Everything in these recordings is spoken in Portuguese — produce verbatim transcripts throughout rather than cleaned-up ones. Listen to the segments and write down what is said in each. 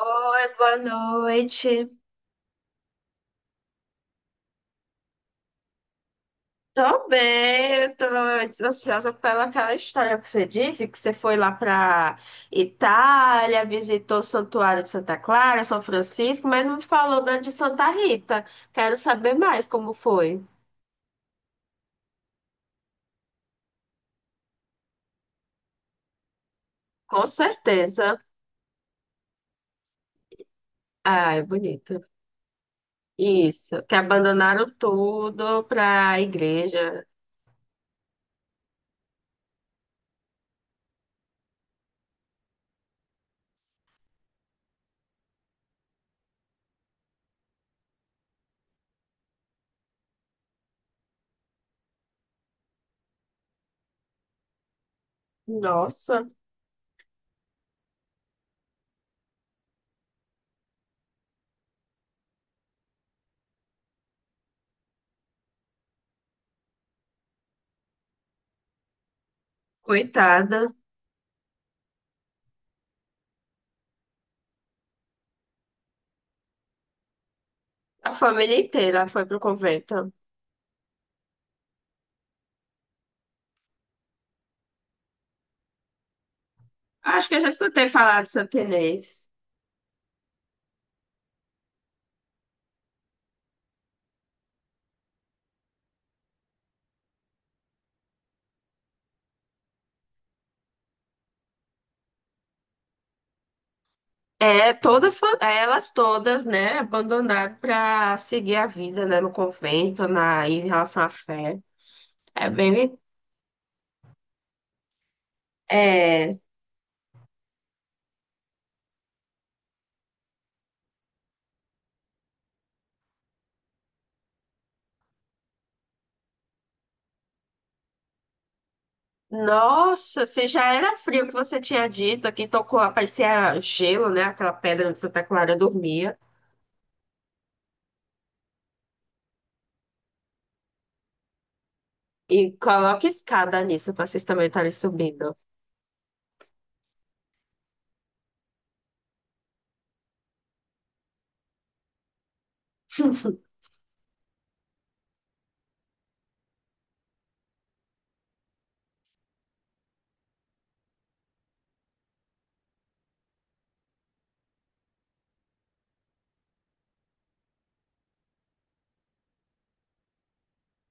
Oi, boa noite. Tô bem, eu tô ansiosa pelaquela história que você disse, que você foi lá pra Itália, visitou o Santuário de Santa Clara, São Francisco, mas não me falou da de Santa Rita. Quero saber mais como foi. Com certeza. Ah, é bonito. Isso, que abandonaram tudo pra igreja. Nossa, coitada. A família inteira foi pro convento. Acho que eu já escutei falar de Santa Inês. É, toda, fa- é, elas todas, né, abandonaram para seguir a vida, né, no convento, na, em relação à fé. É bem, é, nossa, se já era frio que você tinha dito, aqui tocou, parecia gelo, né, aquela pedra onde Santa Clara dormia, e coloca escada nisso para vocês também estarem subindo.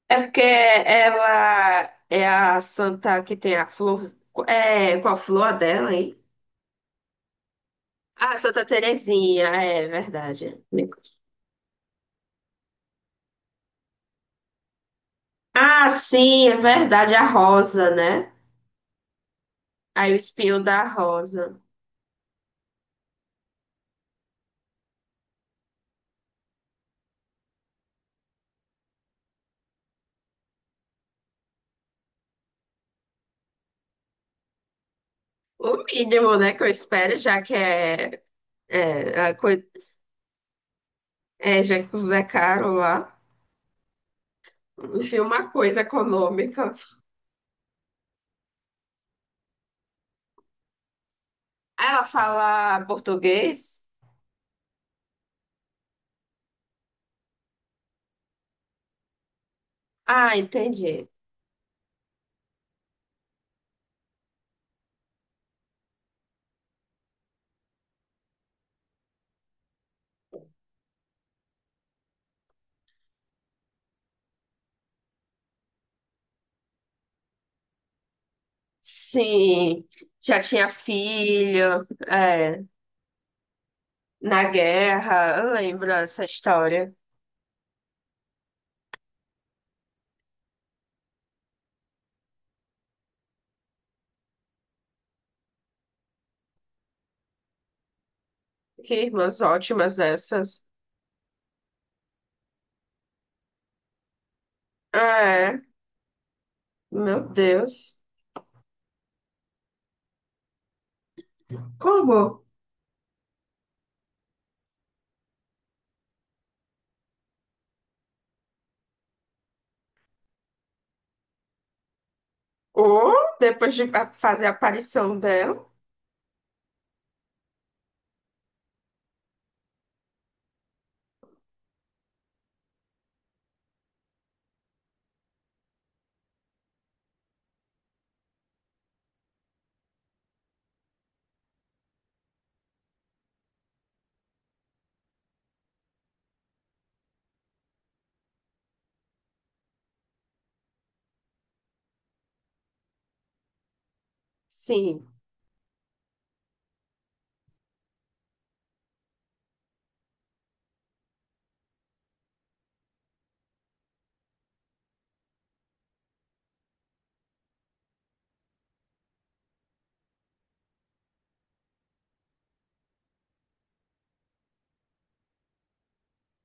É porque ela é a santa que tem a flor, é, qual flor a dela, hein? Ah, Santa Terezinha, é verdade. Ah, sim, é verdade, a Rosa, né? Aí o espinho da Rosa. O mínimo, né, que eu espero, já que é, é, a coisa, é, já que tudo é caro lá. Enfim, uma coisa econômica. Ela fala português? Ah, entendi. Sim, já tinha filho, é, na guerra, eu lembro dessa história. Que irmãs ótimas essas. É, meu Deus. Como? Ou depois de a- fazer a aparição dela, sim,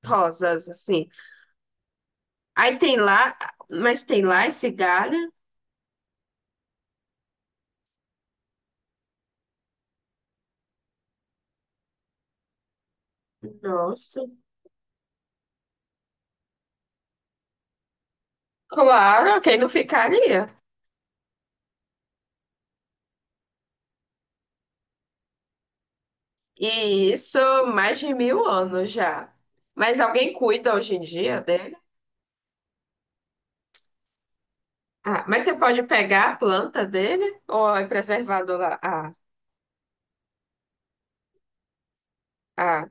rosas, assim. Aí tem lá, mas tem lá esse galho? Nossa, claro, quem não ficaria? E isso mais de mil anos já. Mas alguém cuida hoje em dia dele? Ah, mas você pode pegar a planta dele ou é preservado lá? Ah, ah,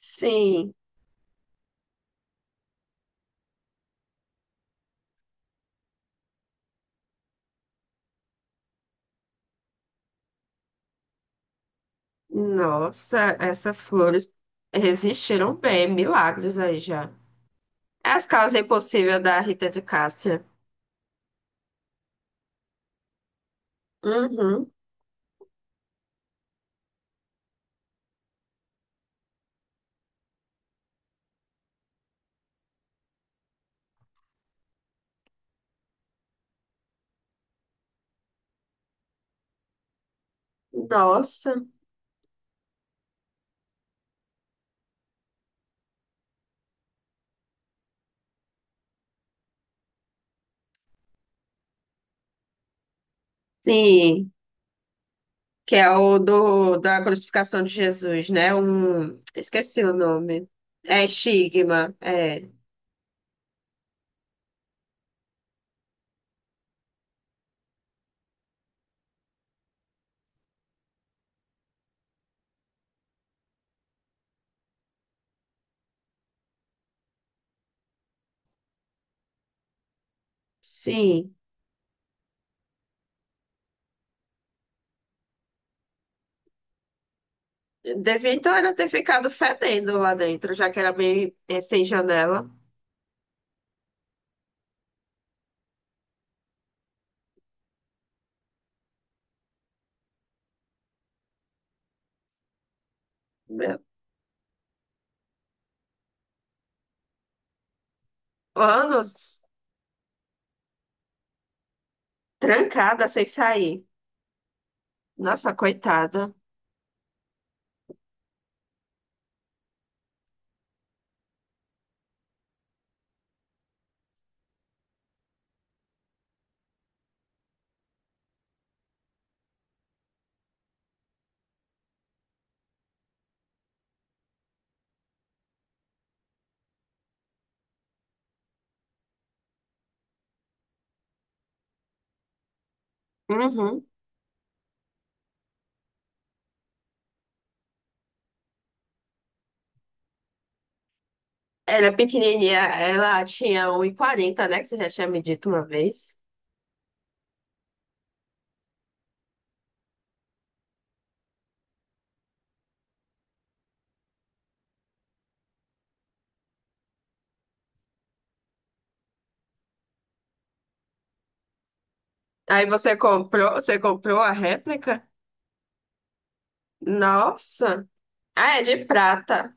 sim. Nossa, essas flores resistiram bem, milagres aí já. É as causas impossíveis da Rita de Cássia. Uhum. Nossa. Sim, que é o do, da crucificação de Jesus, né? Um, esqueci o nome. É estigma. É. Sim. Devia então ela ter ficado fedendo lá dentro, já que era bem eh, sem janela. Meu, anos trancada sem sair. Nossa, coitada. Uhum. Ela é pequenininha, ela tinha um e quarenta, né? Que você já tinha me dito uma vez. Aí você comprou, você comprou a réplica? Nossa! Ah, é de prata.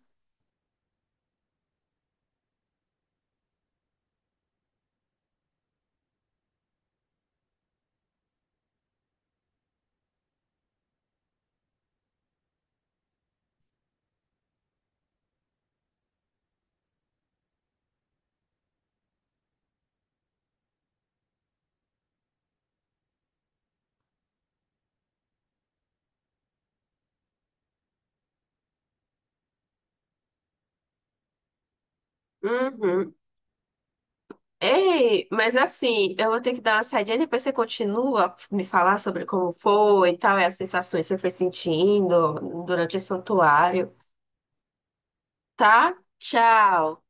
Uhum. Ei, mas assim, eu vou ter que dar uma saidinha, depois você continua a me falar sobre como foi e tal, e as sensações que você foi sentindo durante o santuário, tá? Tchau!